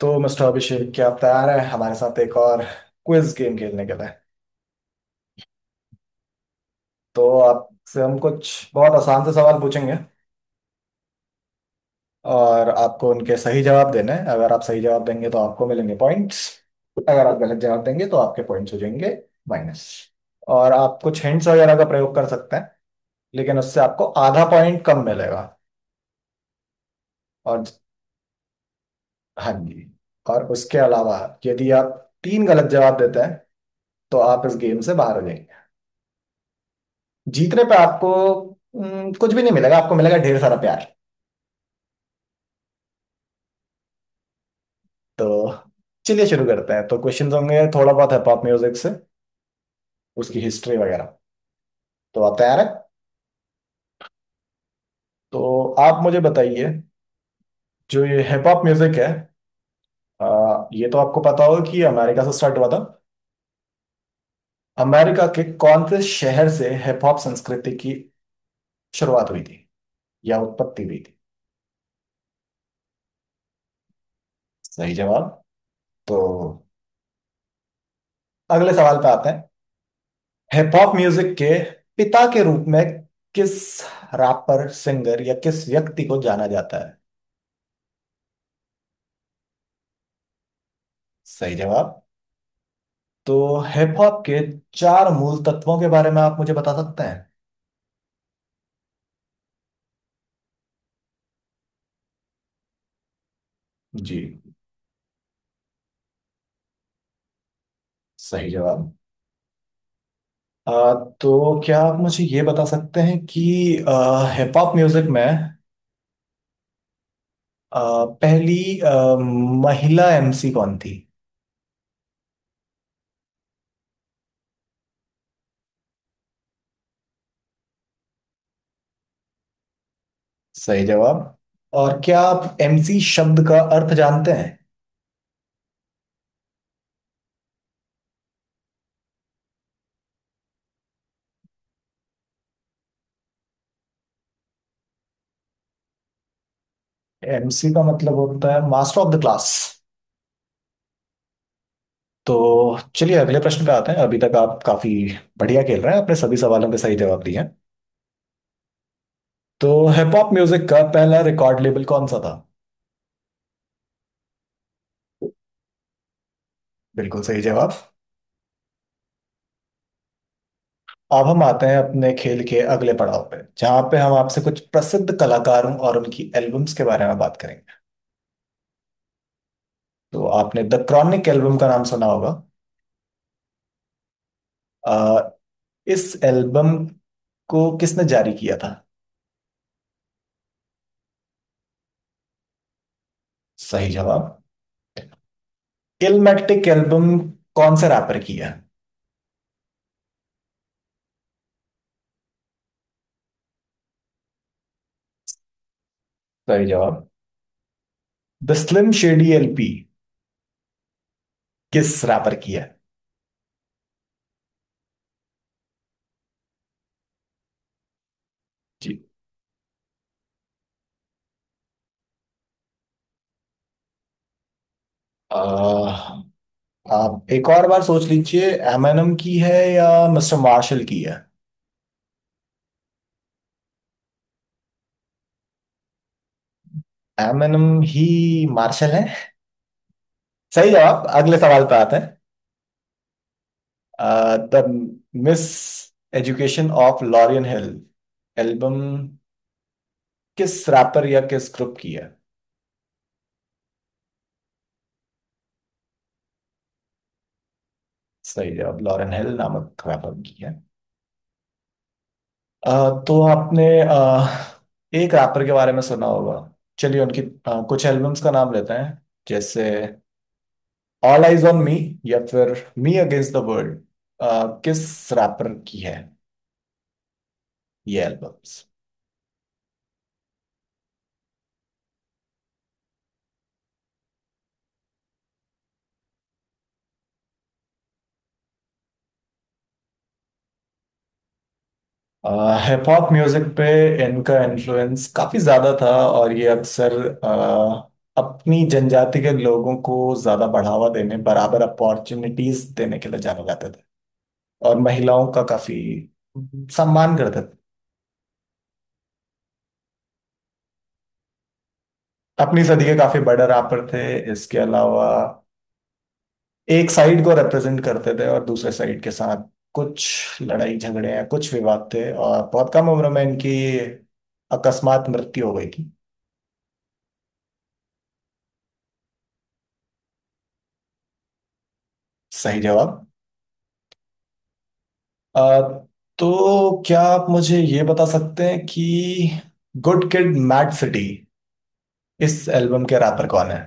तो मिस्टर अभिषेक क्या आप तैयार हैं हमारे साथ एक और क्विज गेम खेलने के लिए। तो आपसे हम कुछ बहुत आसान से सवाल पूछेंगे और आपको उनके सही जवाब देने हैं। अगर आप सही जवाब देंगे तो आपको मिलेंगे पॉइंट्स। अगर आप गलत जवाब देंगे तो आपके पॉइंट्स हो जाएंगे माइनस। और आप कुछ हिंट्स वगैरह का प्रयोग कर सकते हैं लेकिन उससे आपको आधा पॉइंट कम मिलेगा। और हाँ जी। और उसके अलावा यदि आप तीन गलत जवाब देते हैं तो आप इस गेम से बाहर हो जाएंगे। जीतने पे आपको कुछ भी नहीं मिलेगा। आपको मिलेगा ढेर सारा प्यार। तो चलिए शुरू करते हैं। तो क्वेश्चंस होंगे थोड़ा बहुत है पॉप म्यूजिक से, उसकी हिस्ट्री वगैरह। तो आप तैयार है? तो आप मुझे बताइए, जो ये हिप हॉप म्यूजिक है, ये तो आपको पता होगा कि ये अमेरिका से स्टार्ट हुआ था। अमेरिका के कौन से शहर से हिप हॉप संस्कृति की शुरुआत हुई थी या उत्पत्ति हुई थी? सही जवाब। तो अगले सवाल पे आते हैं। हिप हॉप म्यूजिक के पिता के रूप में किस रैपर सिंगर या किस व्यक्ति को जाना जाता है? सही जवाब। तो हिप हॉप के चार मूल तत्वों के बारे में आप मुझे बता सकते हैं? जी, सही जवाब। आ, तो क्या आप मुझे ये बता सकते हैं कि हिप हॉप म्यूजिक में पहली महिला एमसी कौन थी? सही जवाब। और क्या आप एमसी शब्द का अर्थ जानते हैं? एमसी का मतलब होता है मास्टर ऑफ द क्लास। तो चलिए अगले प्रश्न पे आते हैं। अभी तक आप काफी बढ़िया खेल रहे हैं। आपने सभी सवालों के सही जवाब दिए हैं। तो हिप हॉप म्यूजिक का पहला रिकॉर्ड लेबल कौन सा था? बिल्कुल सही जवाब। अब हम आते हैं अपने खेल के अगले पड़ाव पे जहाँ पे हम आपसे कुछ प्रसिद्ध कलाकारों और उनकी एल्बम्स के बारे में बात करेंगे। तो आपने द क्रॉनिक एल्बम का नाम सुना होगा। अ, इस एल्बम को किसने जारी किया था? सही जवाब। इलमेटिक एल्बम कौन से रैपर की है? सही जवाब। द स्लिम शेडी एलपी किस रैपर की है? जी, अह, आप एक और बार सोच लीजिए एमएनएम की है या मिस्टर मार्शल की है। एमएनएम ही मार्शल है। सही जवाब, अगले सवाल पे आते हैं। The miseducation of Lauryn Hill album किस रैपर या किस ग्रुप की है? सही जवाब, लॉरेन हिल नामक रैपर की है। तो आपने एक रैपर के बारे में सुना होगा। चलिए उनकी कुछ एल्बम्स का नाम लेते हैं। जैसे ऑल आइज ऑन मी या फिर मी अगेंस्ट द वर्ल्ड किस रैपर की है ये एल्बम्स? हिप हॉप म्यूजिक पे इनका इन्फ्लुएंस काफी ज्यादा था और ये अक्सर uh, अपनी जनजाति के लोगों को ज्यादा बढ़ावा देने बराबर अपॉर्चुनिटीज देने के लिए जाने जाते थे और महिलाओं का काफी सम्मान करते थे। अपनी सदी के काफी बड़े रैपर थे। इसके अलावा एक साइड को रिप्रेजेंट करते थे और दूसरे साइड के साथ कुछ लड़ाई झगड़े हैं, कुछ विवाद थे, और बहुत कम उम्र में इनकी अकस्मात मृत्यु हो गई थी। सही जवाब। अ, तो क्या आप मुझे ये बता सकते हैं कि गुड किड मैड सिटी इस एल्बम के रैपर कौन है?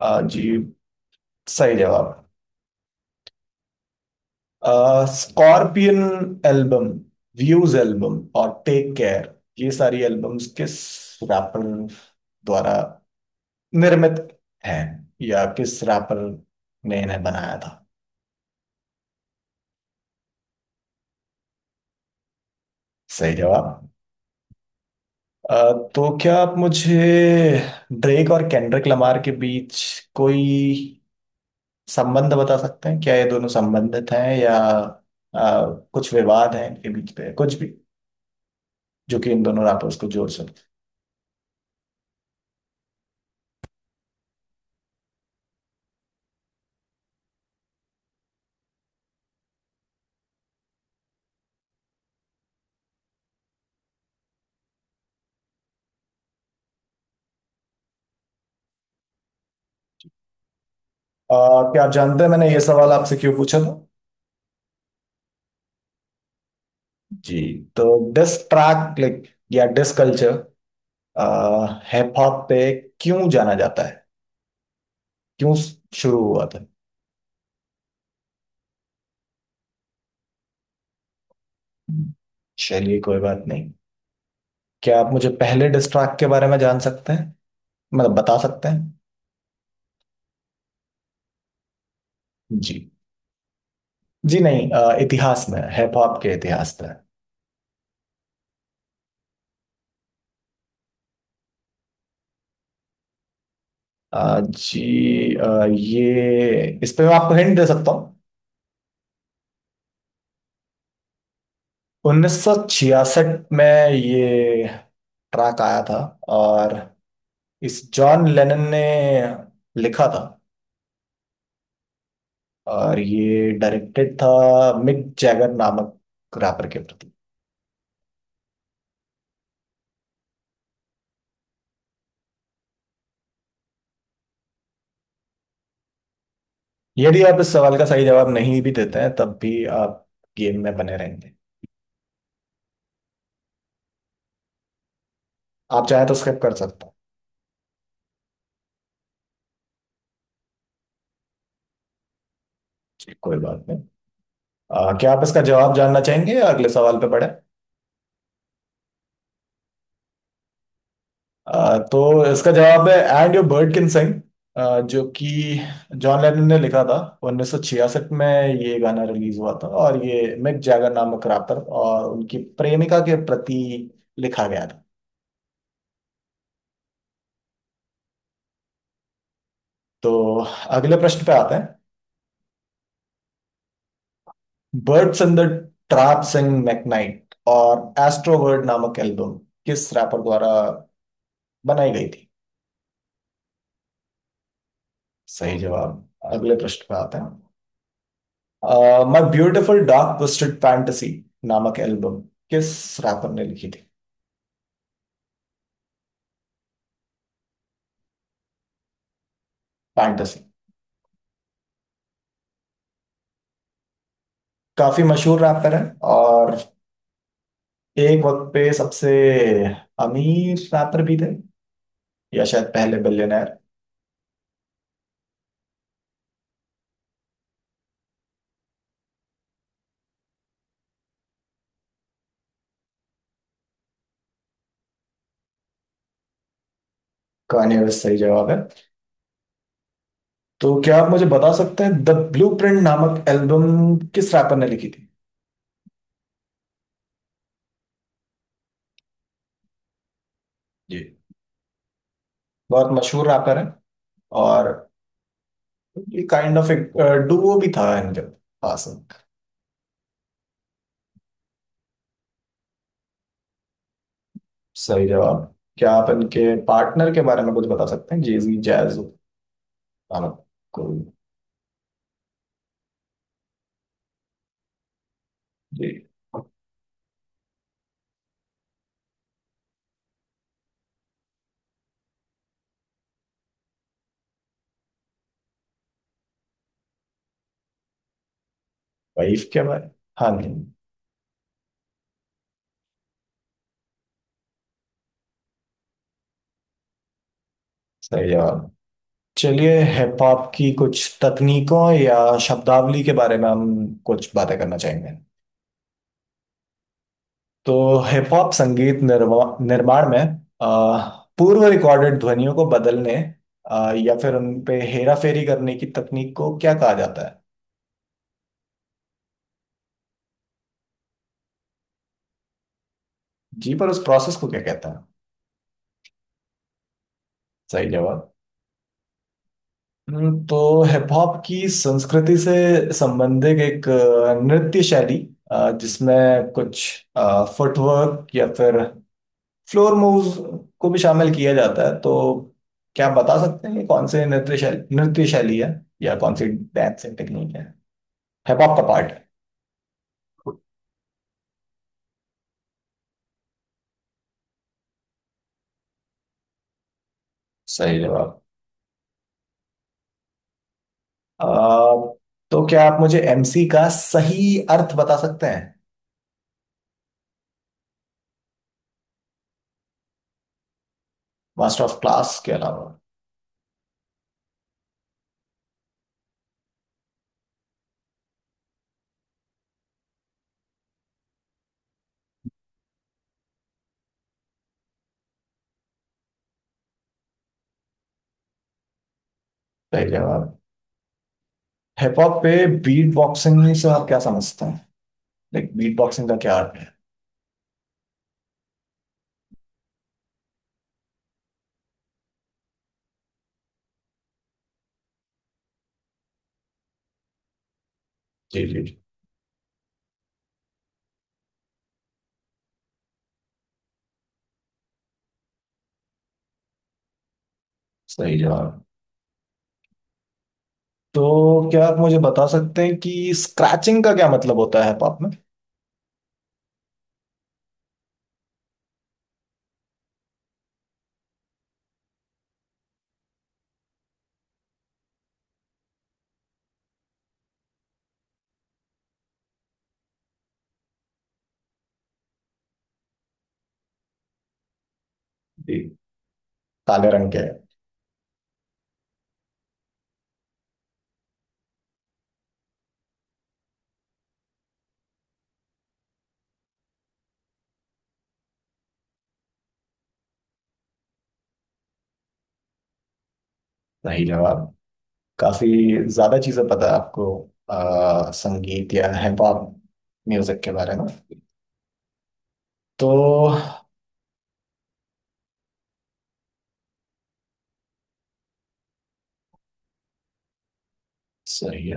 जी, सही जवाब। स्कॉर्पियन एल्बम, व्यूज एल्बम और टेक केयर, ये सारी एल्बम्स किस रैपर द्वारा निर्मित है या किस रैपर ने इन्हें बनाया था? सही जवाब। अ, तो क्या आप मुझे ड्रेक और केंड्रिक लमार के बीच कोई संबंध बता सकते हैं? क्या ये दोनों संबंधित हैं या कुछ विवाद हैं इनके बीच पे, कुछ भी जो कि इन दोनों रैपर्स को जोड़ सकते हैं। क्या आप जानते हैं मैंने ये सवाल आपसे क्यों पूछा था? जी। तो डिस ट्रैक लाइक या डिस कल्चर हिप हॉप पे क्यों जाना जाता है? क्यों शुरू हुआ था? चलिए कोई बात नहीं, क्या आप मुझे पहले डिस्ट्रैक्ट के बारे में जान सकते हैं, मतलब बता सकते हैं? जी। जी नहीं, इतिहास में हिप हॉप के इतिहास में। जी, ये इस पे मैं आपको हिंट दे सकता हूँ। 1966 में ये ट्रैक आया था और इस जॉन लेनन ने लिखा था और ये डायरेक्टेड था मिक जैगर नामक रैपर के प्रति। यदि आप इस सवाल का सही जवाब नहीं भी देते हैं तब भी आप गेम में बने रहेंगे। आप चाहे तो स्किप कर सकते हैं, कोई बात नहीं। क्या आप इसका जवाब जानना चाहेंगे या अगले सवाल पे बढ़े? तो इसका जवाब है and your bird can sing, जो कि जॉन लेनन ने लिखा था। 1966 में ये गाना रिलीज हुआ था और ये मिक जैगर नामक रैपर और उनकी प्रेमिका के प्रति लिखा गया था। तो अगले प्रश्न पे आते हैं। Birds in the trap sing McKnight और एस्ट्रोवर्ड नामक एल्बम किस रैपर द्वारा बनाई गई थी? सही जवाब, अगले प्रश्न पे आते हैं। My beautiful dark twisted fantasy नामक एल्बम किस रैपर ने लिखी थी? फैंटेसी, काफी मशहूर रैपर है और एक वक्त पे सबसे अमीर रैपर भी थे, या शायद पहले बिलियनर। कान्ये वेस्ट सही जवाब है। तो क्या आप मुझे बता सकते हैं द ब्लूप्रिंट नामक एल्बम किस रैपर ने लिखी थी? जी, बहुत मशहूर रैपर है और काइंड ऑफ एक डुओ भी था इनके पास। सही जवाब, क्या आप इनके पार्टनर के बारे में कुछ बता सकते हैं? जेजी जैज कोई? जी। वाइफ के बारे, हाँ जी। सही जवाब। चलिए हिप हॉप की कुछ तकनीकों या शब्दावली के बारे में हम कुछ बातें करना चाहेंगे। तो हिप हॉप संगीत निर्माण में अ, पूर्व रिकॉर्डेड ध्वनियों को बदलने या फिर उन पे हेरा फेरी करने की तकनीक को क्या कहा जाता है? जी, पर उस प्रोसेस को क्या कहता है? सही जवाब। तो हिप हॉप की संस्कृति से संबंधित एक नृत्य शैली जिसमें कुछ फुटवर्क या फिर फ्लोर मूव्स को भी शामिल किया जाता है, तो क्या आप बता सकते हैं कि कौन से नृत्य शैली है या कौन सी डांसिंग टेक्निक है हिप हॉप का पार्ट है? सही जवाब। अ, तो क्या आप मुझे एमसी का सही अर्थ बता सकते हैं, मास्टर ऑफ क्लास के अलावा? सही जवाब। हिप हॉप पे बीट बॉक्सिंग से आप क्या समझते हैं? लाइक बीट बॉक्सिंग का क्या अर्थ है? जी जी जी, सही जवाब। तो क्या आप मुझे बता सकते हैं कि स्क्रैचिंग का क्या मतलब होता है हिप हॉप में? जी, काले रंग के है। सही जवाब। काफी ज्यादा चीजें पता है आपको संगीत या हिप हॉप म्यूजिक के बारे में। तो सही है।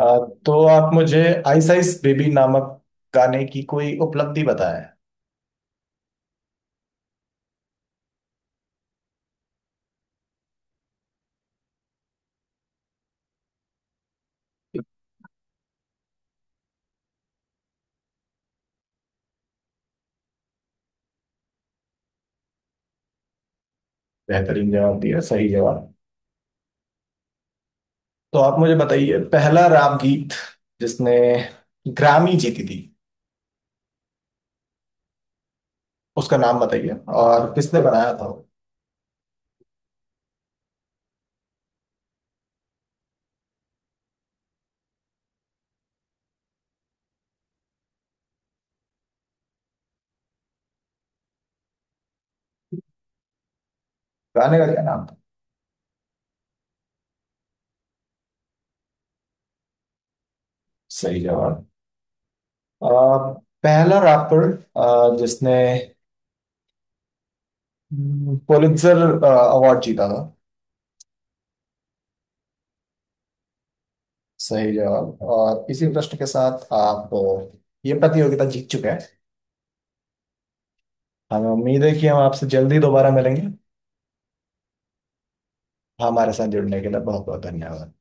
आ, तो आप मुझे आइस आइस बेबी नामक गाने की कोई उपलब्धि बताएं। बेहतरीन जवाब दिया, सही जवाब। तो आप मुझे बताइए, पहला राग गीत जिसने ग्रामी जीती थी, उसका नाम बताइए और किसने बनाया था वो? गाने का क्या नाम था? सही जवाब। आ, पहला रैपर जिसने पुलित्जर अवार्ड जीता था? सही जवाब, और इसी प्रश्न के साथ आप ये प्रतियोगिता जीत चुके हैं। हमें उम्मीद है कि हम आपसे जल्दी दोबारा मिलेंगे। हाँ, हमारे साथ जुड़ने के लिए बहुत बहुत धन्यवाद।